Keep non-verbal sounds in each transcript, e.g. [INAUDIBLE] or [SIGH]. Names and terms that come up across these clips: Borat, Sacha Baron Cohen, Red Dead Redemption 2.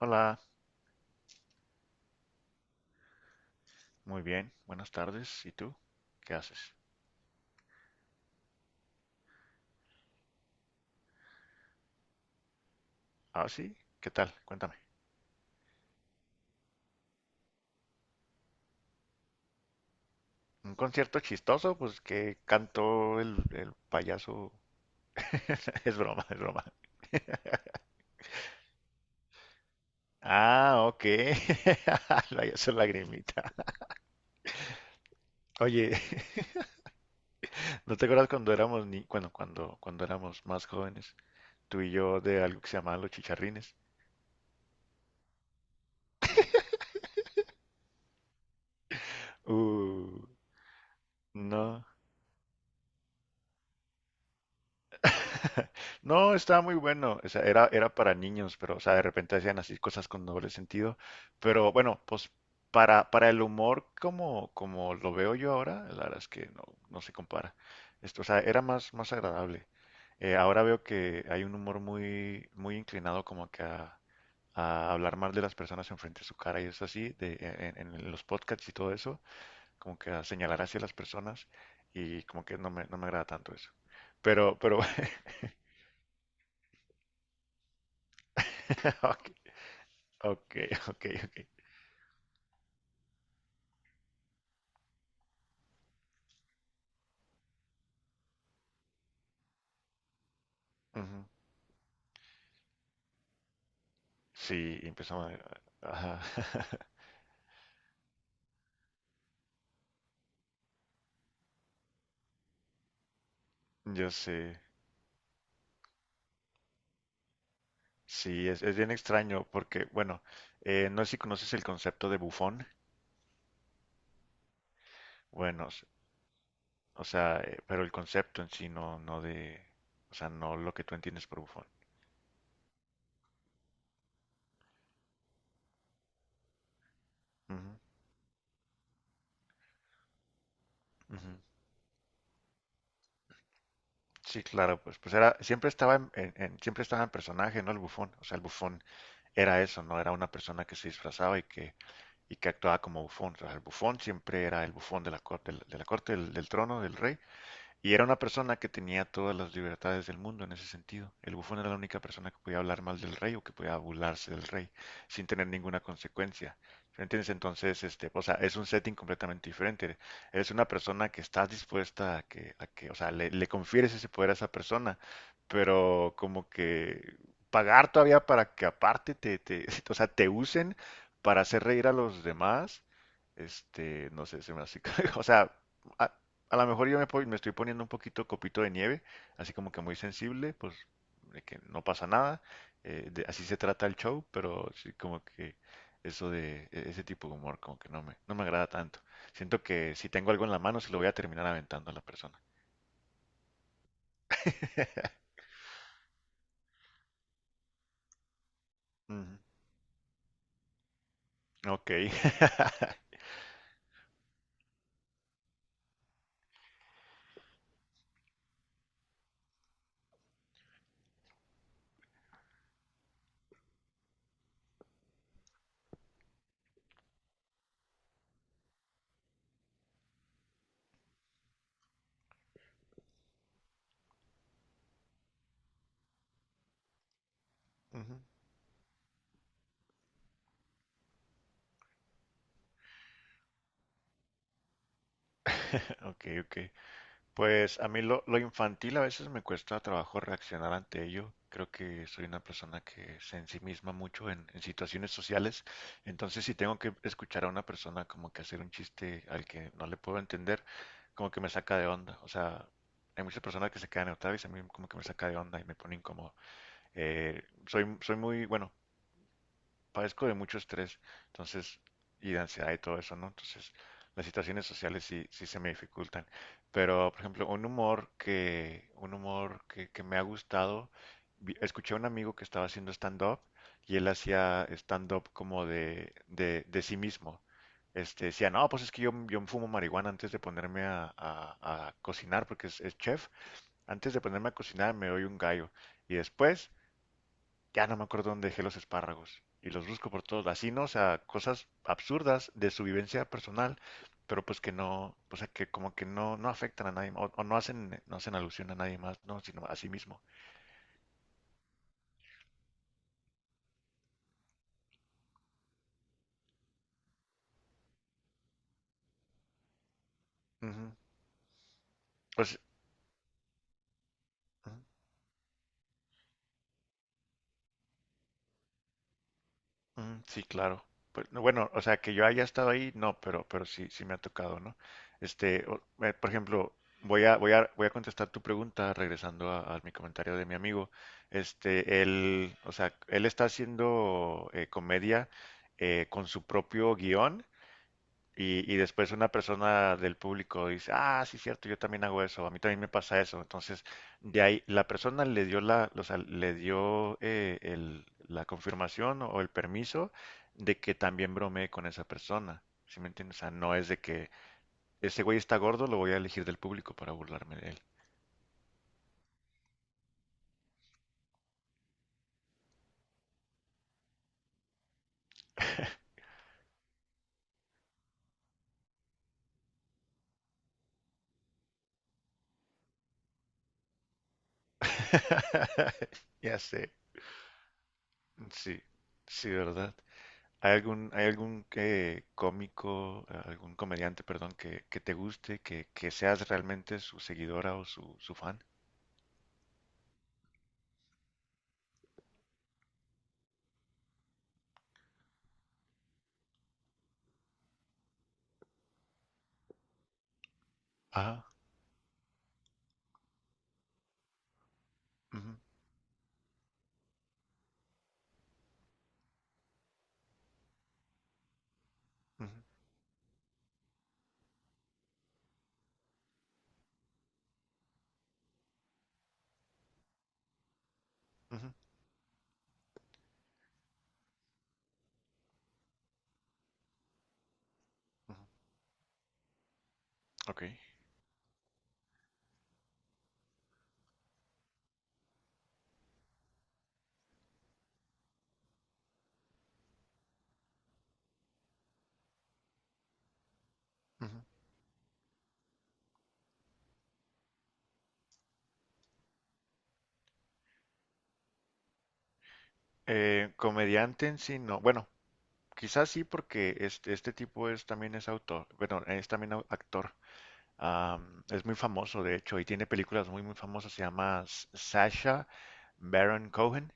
Hola, muy bien, buenas tardes. ¿Y tú? ¿Qué haces? Ah, sí, ¿qué tal? Cuéntame. ¿Un concierto chistoso? Pues que cantó el payaso. [LAUGHS] Es broma, es broma. Ah, ok. [LAUGHS] El payaso lagrimita. Oye, [LAUGHS] ¿no te acuerdas cuando éramos ni... bueno, cuando, cuando éramos más jóvenes, tú y yo de algo que se llamaba los chicharrines? Uh, no. [LAUGHS] No, estaba muy bueno. O sea, era para niños, pero, o sea, de repente hacían así cosas con doble sentido. Pero bueno, pues para el humor, como, como lo veo yo ahora, la verdad es que no, no se compara. Esto, o sea, era más, más agradable. Ahora veo que hay un humor muy, muy inclinado como que a hablar mal de las personas enfrente de su cara y es así, de, en los podcasts y todo eso, como que a señalar hacia las personas y como que no me, no me agrada tanto eso. Pero [LAUGHS] Ok, ok, ok, ok. Ujú. Sí, empezamos. Ajá. [LAUGHS] Yo sé. Sí, es bien extraño porque, bueno, no sé si conoces el concepto de bufón. Bueno, o sea, pero el concepto en sí no, no de, o sea, no lo que tú entiendes por bufón. Ujú, ujú. Sí, claro, pues, pues era, siempre estaba siempre estaba en personaje, ¿no? El bufón. O sea, el bufón era eso, ¿no? Era una persona que se disfrazaba y que actuaba como bufón. O sea, el bufón siempre era el bufón de de la corte del trono del rey y era una persona que tenía todas las libertades del mundo en ese sentido. El bufón era la única persona que podía hablar mal del rey o que podía burlarse del rey sin tener ninguna consecuencia. ¿Entiendes? Entonces, este, o sea, es un setting completamente diferente. Eres una persona que estás dispuesta a que, o sea, le confieres ese poder a esa persona, pero como que pagar todavía para que aparte [LAUGHS] o sea, te usen para hacer reír a los demás, este, no sé, se me hace, [LAUGHS] o sea, a- a lo mejor yo me estoy poniendo un poquito copito de nieve, así como que muy sensible, pues de que no pasa nada, así se trata el show, pero sí como que eso de ese tipo de humor como que no me, no me agrada tanto. Siento que si tengo algo en la mano se lo voy a terminar aventando a la persona. Ujú. Ok. [LAUGHS] Ujú. Ok, ok. Pues a mí lo infantil a veces me cuesta trabajo reaccionar ante ello. Creo que soy una persona que se ensimisma mucho en situaciones sociales. Entonces, si tengo que escuchar a una persona como que hacer un chiste al que no le puedo entender, como que me saca de onda. O sea, hay muchas personas que se quedan neutrales y a mí como que me saca de onda y me pone incómodo. Eh, Soy, soy muy, bueno, padezco de mucho estrés, entonces, y de ansiedad y todo eso, ¿no? Entonces, las situaciones sociales sí, sí se me dificultan. Pero, por ejemplo, un humor un humor que me ha gustado, escuché a un amigo que estaba haciendo stand-up y él hacía stand-up como de sí mismo. Este, decía, no, pues es que yo fumo marihuana antes de ponerme a cocinar porque es chef. Antes de ponerme a cocinar me doy un gallo y después ya no me acuerdo dónde dejé los espárragos. Y los busco por todos lados. Así, ¿no? O sea, cosas absurdas de su vivencia personal, pero pues que no, o sea, que como que no, no afectan a nadie, o no hacen, no hacen alusión a nadie más, ¿no? Sino a sí mismo. Ujú. Pues, ujú. Sí, claro. Pues, no, bueno, o sea, que yo haya estado ahí, no, pero sí, sí me ha tocado, ¿no? Este, por ejemplo, voy a contestar tu pregunta regresando a mi comentario de mi amigo. Este, él, o sea, él está haciendo comedia con su propio guión y después una persona del público dice, ah, sí, cierto, yo también hago eso, a mí también me pasa eso. Entonces, de ahí, la persona le dio la, o sea, le dio la confirmación o el permiso de que también bromeé con esa persona. ¿Sí me entiendes? O sea, no es de que ese güey está gordo, lo voy a elegir del público para burlarme de él. [LAUGHS] Ya sé, sí, sí, ¿verdad? Hay algún cómico, algún comediante, perdón, que te guste, que seas realmente su seguidora o su fan? Ah, ujú, ujú, ujú, ujú, ok. Ujú. Comediante en sí, no. Bueno, quizás sí porque este tipo es también es autor, bueno, es también actor. Es muy famoso, de hecho, y tiene películas muy, muy famosas. Se llama Sacha Baron Cohen.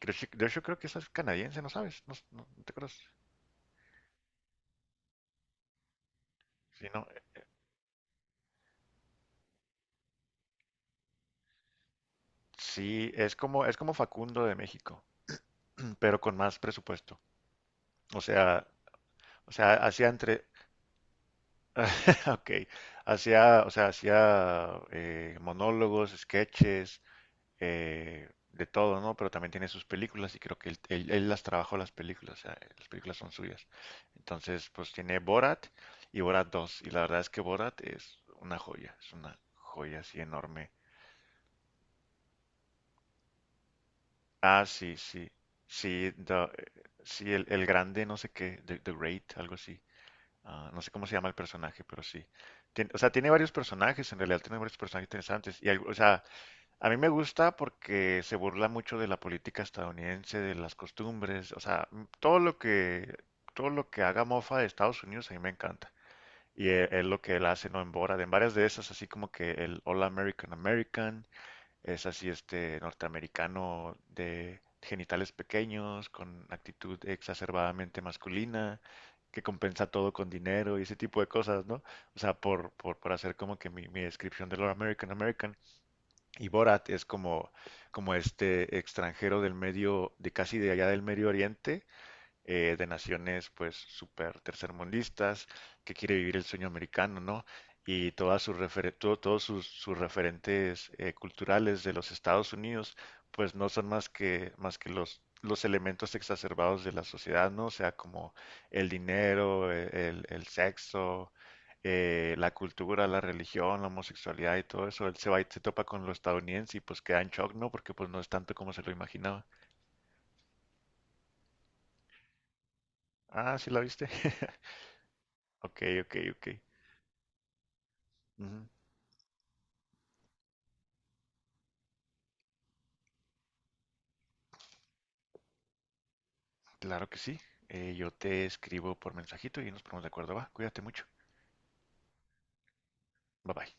Creo, de hecho, creo que esa es canadiense, ¿no sabes? No, no te acuerdas. Sí, no, sí, es como Facundo de México, pero con más presupuesto. O sea, o sea, hacía entre, [LAUGHS] ok, hacía, o sea, hacía monólogos, sketches, de todo, ¿no? Pero también tiene sus películas y creo que él las trabajó las películas, o sea, las películas son suyas. Entonces, pues tiene Borat y Borat dos y la verdad es que Borat es una joya así enorme. Ah, sí, sí. Sí, da- sí el grande, no sé qué, The Great, algo así. Ah, no sé cómo se llama el personaje, pero sí. O sea, tiene varios personajes, en realidad tiene varios personajes interesantes. Y, o sea, a mí me gusta porque se burla mucho de la política estadounidense, de las costumbres, o sea, todo lo que haga mofa de Estados Unidos a mí me encanta. Y es, lo que él hace, ¿no? En Borat, en varias de esas, así como que el All American American. Es así, este norteamericano de genitales pequeños, con actitud exacerbadamente masculina, que compensa todo con dinero y ese tipo de cosas, ¿no? O sea, por hacer como que mi descripción de lo American American. Y Borat es como, como este extranjero del medio, de casi de allá del Medio Oriente, de naciones pues súper tercermundistas, que quiere vivir el sueño americano, ¿no? Y todas sus todos sus, sus referentes culturales de los Estados Unidos, pues no son más que los elementos exacerbados de la sociedad, ¿no? O sea, como el dinero, el sexo, la cultura, la religión, la homosexualidad y todo eso. Él se va y se topa con lo estadounidense y pues queda en shock, ¿no? Porque pues no es tanto como se lo imaginaba. Ah, ¿sí la viste? [LAUGHS] Ok, ok, ok. Ujú, claro que sí. Yo te escribo por mensajito y nos ponemos de acuerdo. Va, cuídate mucho. Bye bye.